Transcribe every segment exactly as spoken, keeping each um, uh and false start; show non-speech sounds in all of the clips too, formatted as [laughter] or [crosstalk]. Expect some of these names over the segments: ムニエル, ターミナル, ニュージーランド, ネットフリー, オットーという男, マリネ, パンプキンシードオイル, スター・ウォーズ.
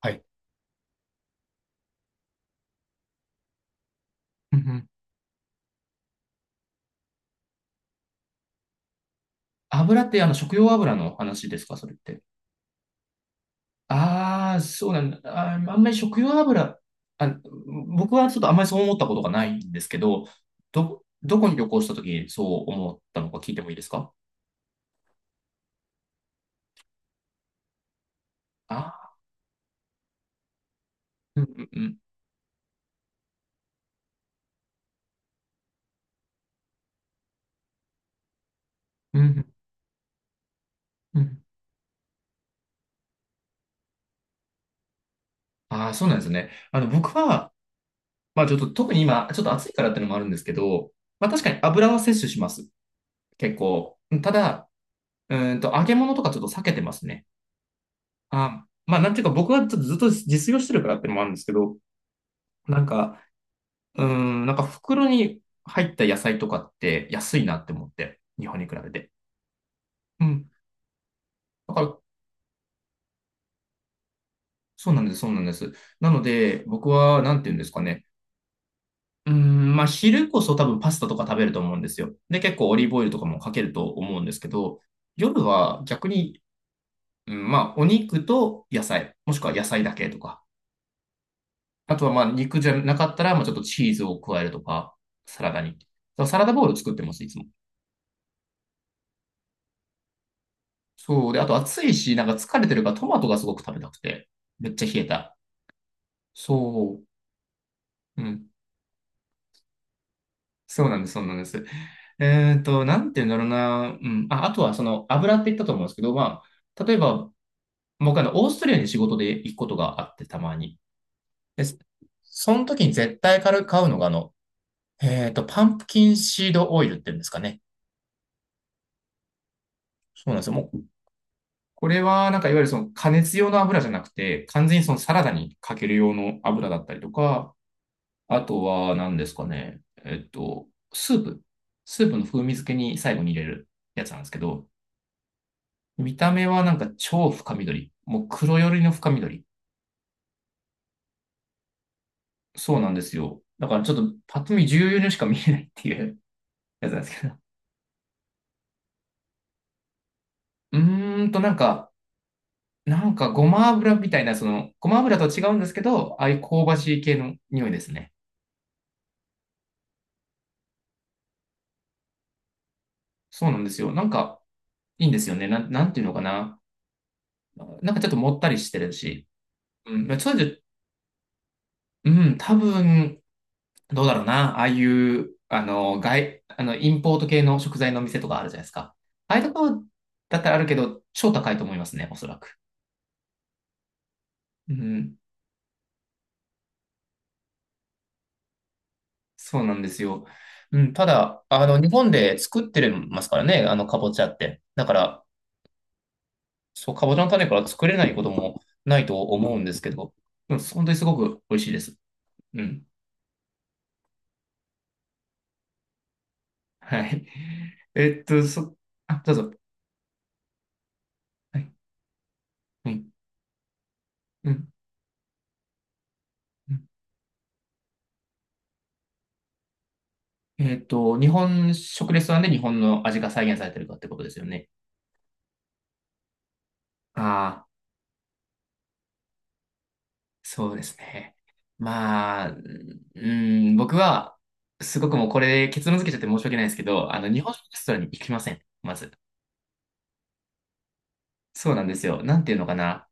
はい。うんうん。油ってあの食用油の話ですか、それって。ああ、そうなんだ。あー、あんまり食用油、あ、僕はちょっとあんまりそう思ったことがないんですけど、ど、どこに旅行した時にそう思ったのか聞いてもいいですか？ああー、うんうんうん。うんうん。ああ、そうなんですね。あの、僕は、まあちょっと特に今、ちょっと暑いからっていうのもあるんですけど、まあ確かに油は摂取します。結構。ただ、うーんと、揚げ物とかちょっと避けてますね。あ、まあ、なんていうか、僕はちょっとずっと実用してるからってのもあるんですけど、なんか、うーん、なんか袋に入った野菜とかって安いなって思って、日本に比べて。うん。だから、そうなんです、そうなんです。なので、僕は、なんていうんですかね。うーん、まあ、昼こそ多分パスタとか食べると思うんですよ。で、結構オリーブオイルとかもかけると思うんですけど、夜は逆に、うん、まあ、お肉と野菜、もしくは野菜だけとか、あとはまあ肉じゃなかったら、まあちょっとチーズを加えるとか、サラダに。だからサラダボウル作ってます、いつも。そう。で、あと暑いし、なんか疲れてるからトマトがすごく食べたくて。めっちゃ冷えた。そう。うん。そうなんです、そうなんです。えっと、なんて言うんだろうな。うん。あ、あとはその油って言ったと思うんですけど、まあ、例えば、僕あの、オーストラリアに仕事で行くことがあって、たまに。で、その時に絶対買う買うのが、あの、えっと、パンプキンシードオイルって言うんですかね。そうなんですよ。もうこれは、なんかいわゆるその加熱用の油じゃなくて、完全にそのサラダにかける用の油だったりとか、あとは何ですかね、えっと、スープ。スープの風味付けに最後に入れるやつなんですけど、見た目はなんか超深緑。もう黒寄りの深緑。そうなんですよ。だからちょっとパッと見重要にしか見えないっていう [laughs] やつなんですけど。うーんと、なんか、なんかごま油みたいな、その、ごま油とは違うんですけど、ああいう香ばしい系の匂いですね。そうなんですよ。なんか、いいんですよね。なん、なんていうのかな。なんかちょっともったりしてるし。うん。まあそれで、うん、多分、どうだろうな。ああいう、あの、外、あの、インポート系の食材の店とかあるじゃないですか。ああいうところだったらあるけど、超高いと思いますね、おそらく。うん。そうなんですよ。うん。ただ、あの、日本で作ってますからね、あの、かぼちゃって。だから、そう、かぼちゃの種から作れないこともないと思うんですけど、うん、本当にすごく美味しいです。うん。はい。えっと、そ、あ、どうぞ。はい。はい。うん。うん。えっと、日本食レストランで日本の味が再現されてるかってことですよね。ああ、そうですね。まあ、うん、僕は、すごくもうこれ結論付けちゃって申し訳ないですけど、あの、日本食レストランに行きません。まず。そうなんですよ。なんていうのかな。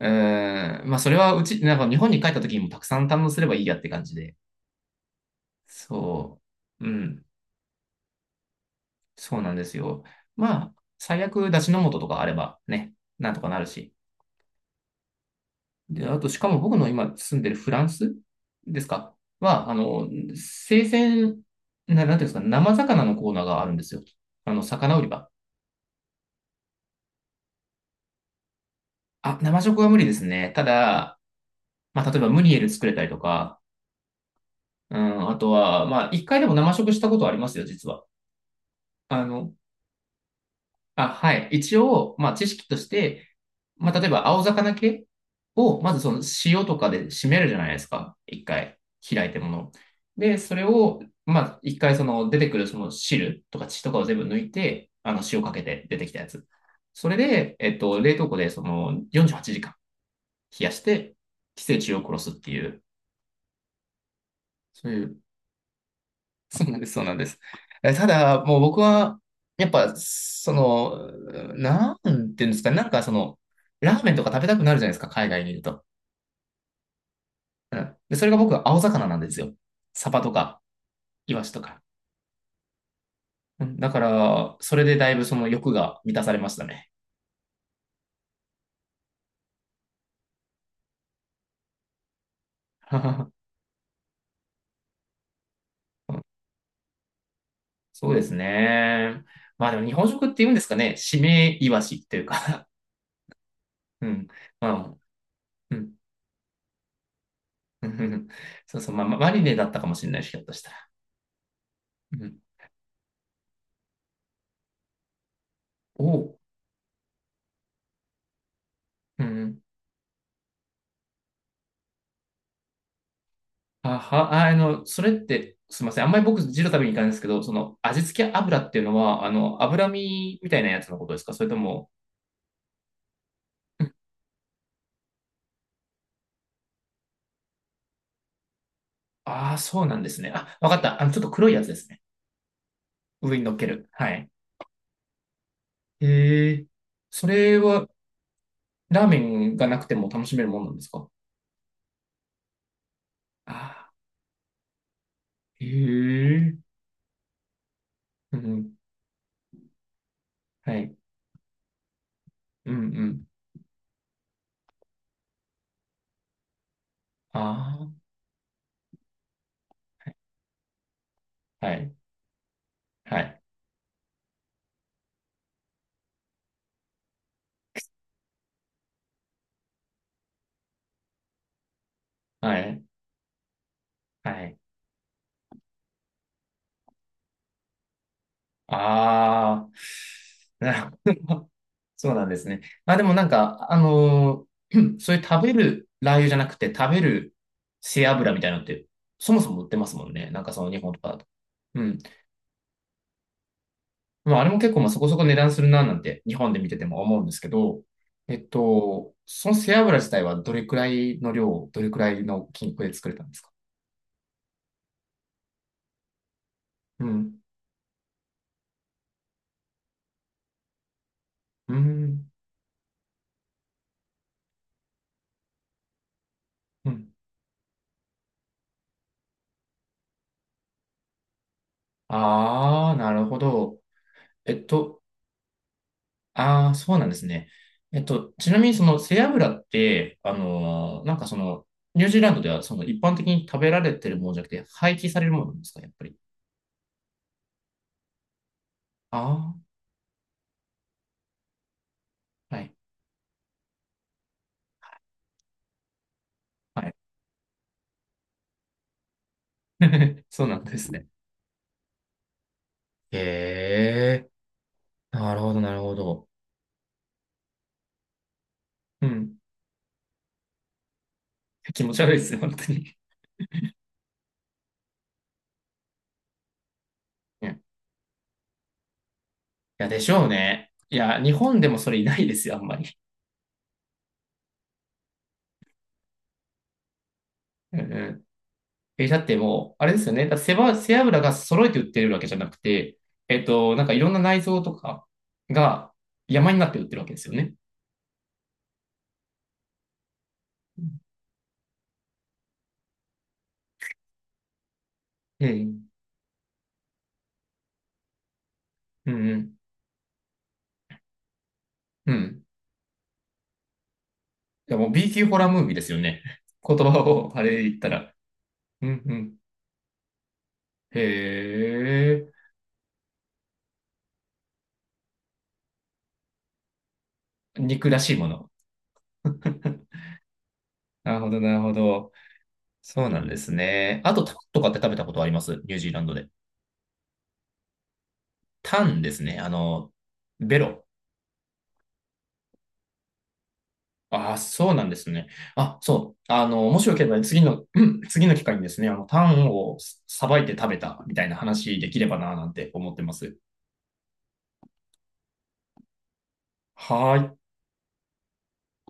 うーん、まあ、それはうち、なんか日本に帰った時にもたくさん堪能すればいいやって感じで。そう。うん。そうなんですよ。まあ、最悪、出汁の素とかあればね、なんとかなるし。で、あと、しかも僕の今住んでるフランスですか？は、あの、生鮮、な、なんていうんですか、生魚のコーナーがあるんですよ。あの、魚売り場。あ、生食は無理ですね。ただ、まあ、例えばムニエル作れたりとか、うん、あとは、まあ、一回でも生食したことありますよ、実は。あの、あ、はい。一応、まあ、知識として、まあ、例えば、青魚系を、まずその塩とかで締めるじゃないですか。一回、開いてもの。で、それを、まあ、一回、その、出てくるその汁とか血とかを全部抜いて、あの、塩かけて出てきたやつ。それで、えっと、冷凍庫で、その、よんじゅうはちじかん冷やして、寄生虫を殺すっていう、そういう。そうなんです、そうなんです。え、ただ、もう僕は、やっぱ、その、なんていうんですか、なんかその、ラーメンとか食べたくなるじゃないですか、海外にいると。うん。で、それが僕は青魚なんですよ。サバとか、イワシとか。うん。だから、それでだいぶその欲が満たされましたね。[laughs] そうですね。まあでも日本食って言うんですかね、締めイワシっていうか [laughs] うん。まあ、うん。うんうん [laughs] そうそう、まあ、まマリネだったかもしれないし、ひょっとしたら。うん。おう。うんうん。あは、ああの、それって、すみません。あんまり僕、ジル食べに行かないんですけど、その、味付け油っていうのは、あの、脂身みたいなやつのことですか？それとも、ああ、そうなんですね。あ、わかった。あの、ちょっと黒いやつですね。上に乗っける。はい。へえ。それは、ラーメンがなくても楽しめるもんなんですか？ああー、へえ。うん。はい。うんうん。ああ、はい。はい。はい。はい。ああ、なるほど。[laughs] そうなんですね。まあでもなんか、あのー [clears throat] そういう食べるラー油じゃなくて食べる背脂みたいなのって、そもそも売ってますもんね。なんかその日本とかだと。うん。まああれも結構まあそこそこ値段するななんて日本で見てても思うんですけど、えっと、その背脂自体はどれくらいの量、どれくらいの金額で作れたんですか？うん。うん。うん。ああ、なるほど。えっと、ああ、そうなんですね。えっと、ちなみにその背脂って、あのーなんかその、ニュージーランドではその一般的に食べられてるものじゃなくて、廃棄されるものなんですか、やっぱり。ああ、はい、はい。[laughs] そうなんですね。へえ、なるほど、なるほど。うん。気持ち悪いですよ、本当に。うん。いや、でしょうね。いや、日本でもそれいないですよ、あんまり。うんうん。え、だってもう、あれですよね。だって背ば、背脂が揃えて売ってるわけじゃなくて、えっと、なんかいろんな内臓とかが山になって売ってるわけですよね。うん。うん。うん。うん。いや、もう B 級ホラームービーですよね。[laughs] 言葉をあれで言ったら。うんうん。へえ。肉らしいもの。なるほど、なるほど。そうなんですね。あと、タンとかって食べたことあります？ニュージーランドで。タンですね。あの、ベロ。ああ、そうなんですね。あ、そう。あの、もしよければ次の、うん次の機会にですね、あの、タンをさばいて食べたみたいな話できればな、なんて思ってます。はーい。